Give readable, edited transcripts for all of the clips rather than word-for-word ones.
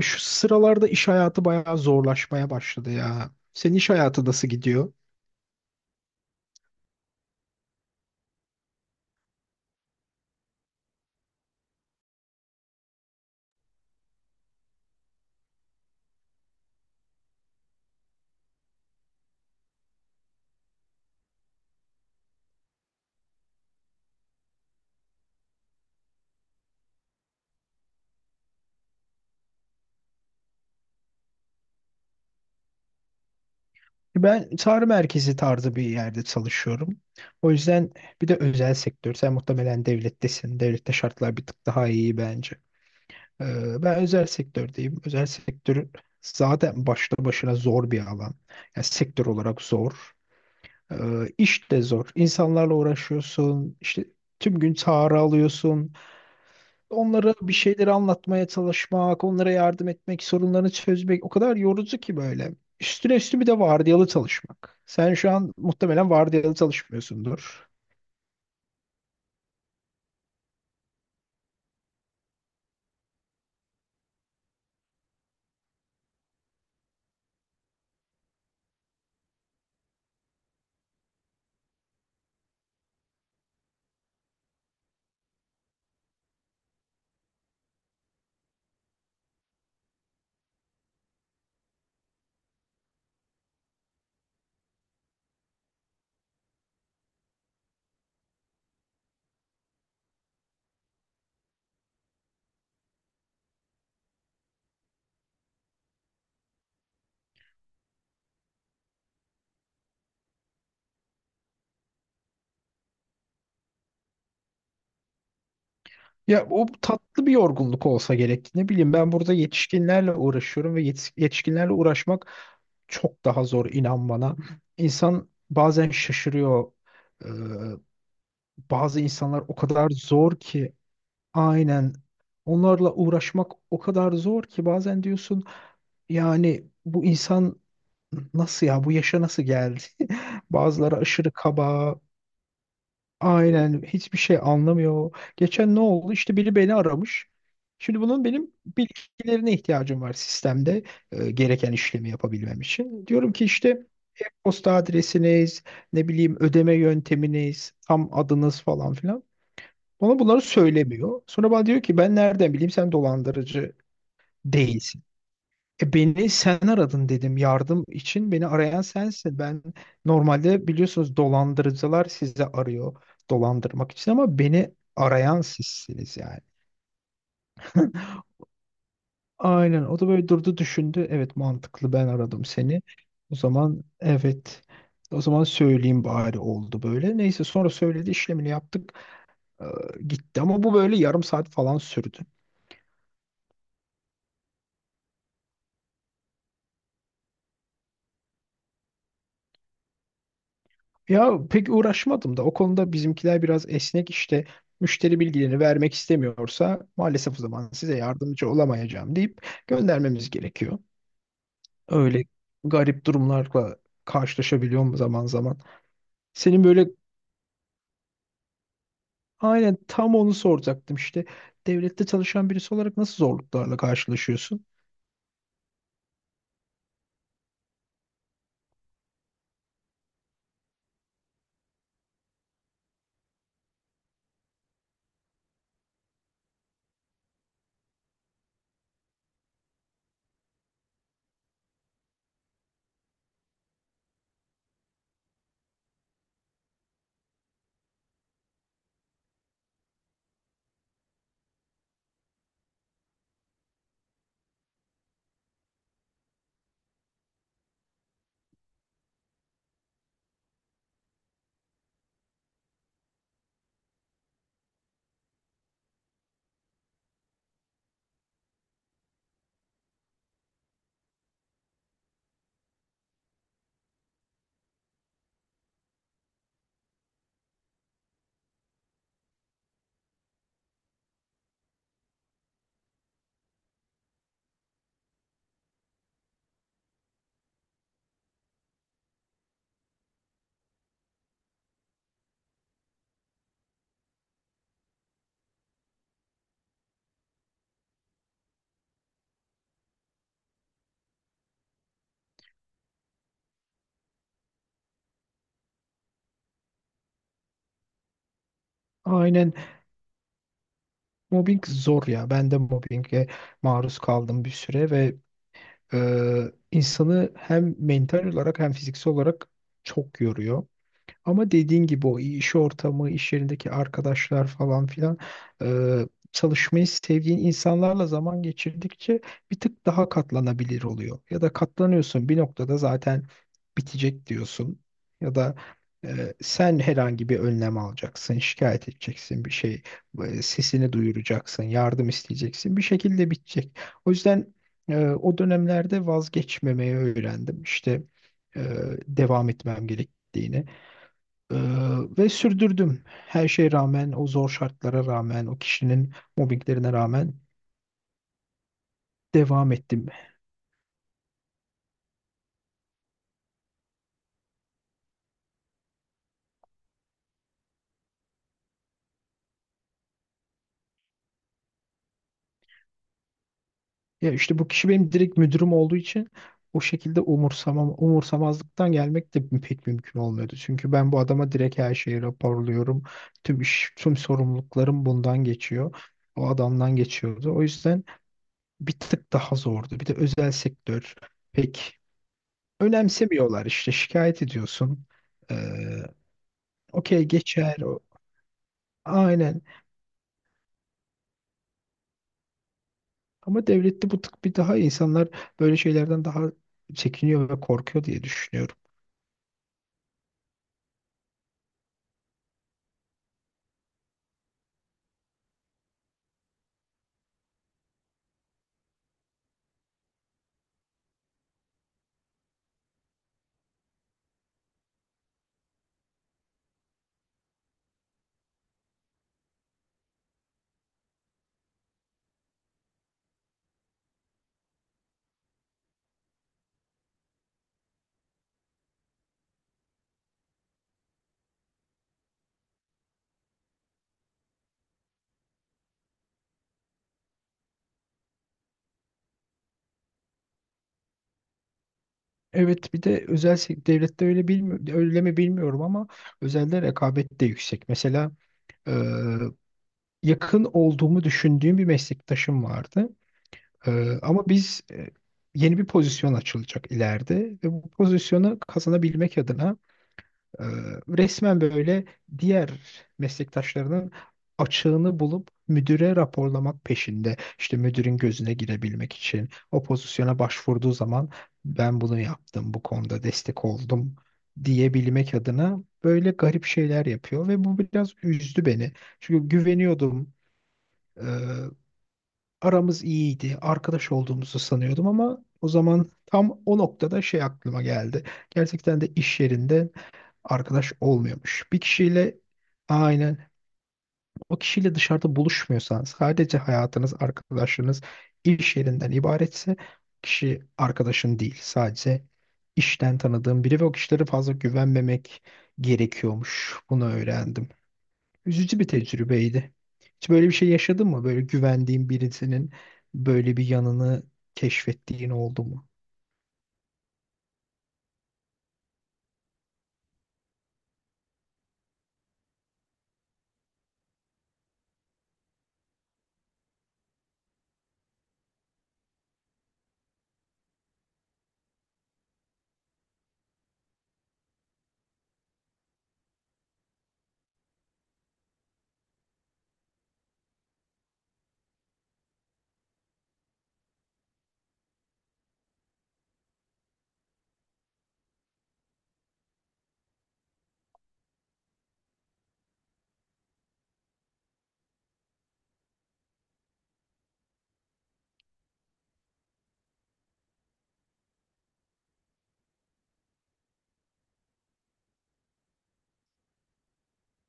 Şu sıralarda iş hayatı bayağı zorlaşmaya başladı ya. Senin iş hayatı nasıl gidiyor? Ben çağrı merkezi tarzı bir yerde çalışıyorum. O yüzden bir de özel sektör. Sen muhtemelen devlettesin. Devlette şartlar bir tık daha iyi bence. Ben özel sektördeyim. Özel sektör zaten başta başına zor bir alan. Yani sektör olarak zor. Ee, İş de zor. İnsanlarla uğraşıyorsun. İşte tüm gün çağrı alıyorsun. Onlara bir şeyleri anlatmaya çalışmak, onlara yardım etmek, sorunlarını çözmek o kadar yorucu ki böyle. Üstüne üstü bir de vardiyalı çalışmak. Sen şu an muhtemelen vardiyalı çalışmıyorsundur. Ya o tatlı bir yorgunluk olsa gerek. Ne bileyim ben burada yetişkinlerle uğraşıyorum ve yetişkinlerle uğraşmak çok daha zor inan bana. İnsan bazen şaşırıyor. Ee, Bazı insanlar o kadar zor ki aynen onlarla uğraşmak o kadar zor ki bazen diyorsun yani bu insan nasıl ya bu yaşa nasıl geldi? Bazıları aşırı kaba, aynen hiçbir şey anlamıyor. Geçen ne oldu? İşte biri beni aramış. Şimdi bunun benim bilgilerine ihtiyacım var sistemde gereken işlemi yapabilmem için. Diyorum ki işte posta adresiniz, ne bileyim ödeme yönteminiz, tam adınız falan filan. Bana bunları söylemiyor. Sonra bana diyor ki ben nereden bileyim sen dolandırıcı değilsin. E beni sen aradın dedim yardım için beni arayan sensin. Ben normalde biliyorsunuz dolandırıcılar sizi arıyor dolandırmak için ama beni arayan sizsiniz yani. Aynen o da böyle durdu düşündü. Evet mantıklı ben aradım seni. O zaman evet o zaman söyleyeyim bari oldu böyle. Neyse sonra söyledi işlemini yaptık. Ee, Gitti ama bu böyle yarım saat falan sürdü. Ya pek uğraşmadım da o konuda bizimkiler biraz esnek işte müşteri bilgilerini vermek istemiyorsa maalesef o zaman size yardımcı olamayacağım deyip göndermemiz gerekiyor. Öyle garip durumlarla karşılaşabiliyorum zaman zaman. Senin böyle aynen tam onu soracaktım işte devlette çalışan birisi olarak nasıl zorluklarla karşılaşıyorsun? Aynen mobbing zor ya ben de mobbinge maruz kaldım bir süre ve insanı hem mental olarak hem fiziksel olarak çok yoruyor. Ama dediğin gibi o iş ortamı, iş yerindeki arkadaşlar falan filan e, çalışmayı sevdiğin insanlarla zaman geçirdikçe bir tık daha katlanabilir oluyor. Ya da katlanıyorsun bir noktada zaten bitecek diyorsun. Ya da sen herhangi bir önlem alacaksın, şikayet edeceksin bir şey, sesini duyuracaksın, yardım isteyeceksin. Bir şekilde bitecek. O yüzden o dönemlerde vazgeçmemeyi öğrendim. İşte e, devam etmem gerektiğini. Ee, Ve sürdürdüm. Her şeye rağmen, o zor şartlara rağmen, o kişinin mobbinglerine rağmen devam ettim. Ya işte bu kişi benim direkt müdürüm olduğu için o şekilde umursamam, umursamazlıktan gelmek de pek mümkün olmuyordu. Çünkü ben bu adama direkt her şeyi raporluyorum. Tüm iş, tüm sorumluluklarım bundan geçiyor. O adamdan geçiyordu. O yüzden bir tık daha zordu. Bir de özel sektör pek önemsemiyorlar işte şikayet ediyorsun. Ee, Okey geçer aynen. Ama devlette bu tık bir daha insanlar böyle şeylerden daha çekiniyor ve korkuyor diye düşünüyorum. Evet bir de devlette öyle bilmi öyle mi bilmiyorum ama özelde rekabet de yüksek. Mesela e, yakın olduğumu düşündüğüm bir meslektaşım vardı. Ama biz yeni bir pozisyon açılacak ileride ve bu pozisyonu kazanabilmek adına Ee, resmen böyle diğer meslektaşlarının açığını bulup müdüre raporlamak peşinde. İşte müdürün gözüne girebilmek için o pozisyona başvurduğu zaman ben bunu yaptım, bu konuda destek oldum diyebilmek adına böyle garip şeyler yapıyor ve bu biraz üzdü beni. Çünkü güveniyordum. Ee, Aramız iyiydi, arkadaş olduğumuzu sanıyordum ama o zaman tam o noktada şey aklıma geldi. Gerçekten de iş yerinde arkadaş olmuyormuş. Bir kişiyle aynen o kişiyle dışarıda buluşmuyorsanız, sadece hayatınız, arkadaşlarınız iş yerinden ibaretse kişi arkadaşın değil. Sadece işten tanıdığım biri ve o kişilere fazla güvenmemek gerekiyormuş. Bunu öğrendim. Üzücü bir tecrübeydi. Hiç böyle bir şey yaşadın mı? Böyle güvendiğin birisinin böyle bir yanını keşfettiğin oldu mu?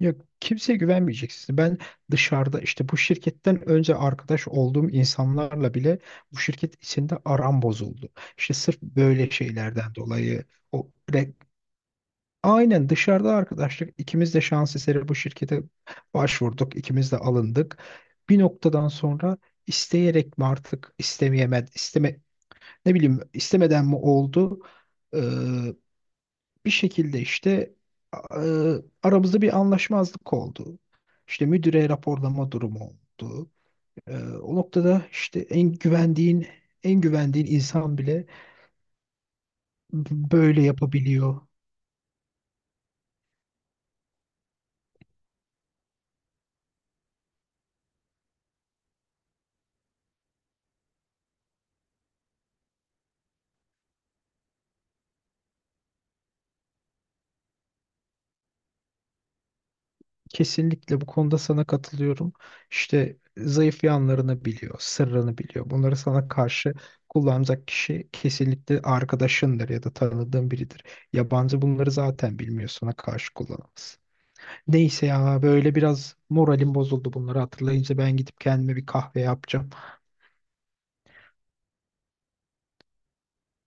Yok kimseye güvenmeyeceksin. Ben dışarıda işte bu şirketten önce arkadaş olduğum insanlarla bile bu şirket içinde aram bozuldu. İşte sırf böyle şeylerden dolayı o re- aynen dışarıda arkadaşlık ikimiz de şans eseri bu şirkete başvurduk. İkimiz de alındık. Bir noktadan sonra isteyerek mi artık istemeyemed isteme ne bileyim istemeden mi oldu? Bir şekilde işte e, aramızda bir anlaşmazlık oldu. İşte müdüre raporlama durumu oldu. E, o noktada işte en güvendiğin insan bile böyle yapabiliyor. Kesinlikle bu konuda sana katılıyorum. İşte zayıf yanlarını biliyor, sırrını biliyor. Bunları sana karşı kullanacak kişi kesinlikle arkadaşındır ya da tanıdığın biridir. Yabancı bunları zaten bilmiyor, sana karşı kullanamaz. Neyse ya böyle biraz moralim bozuldu bunları hatırlayınca ben gidip kendime bir kahve yapacağım.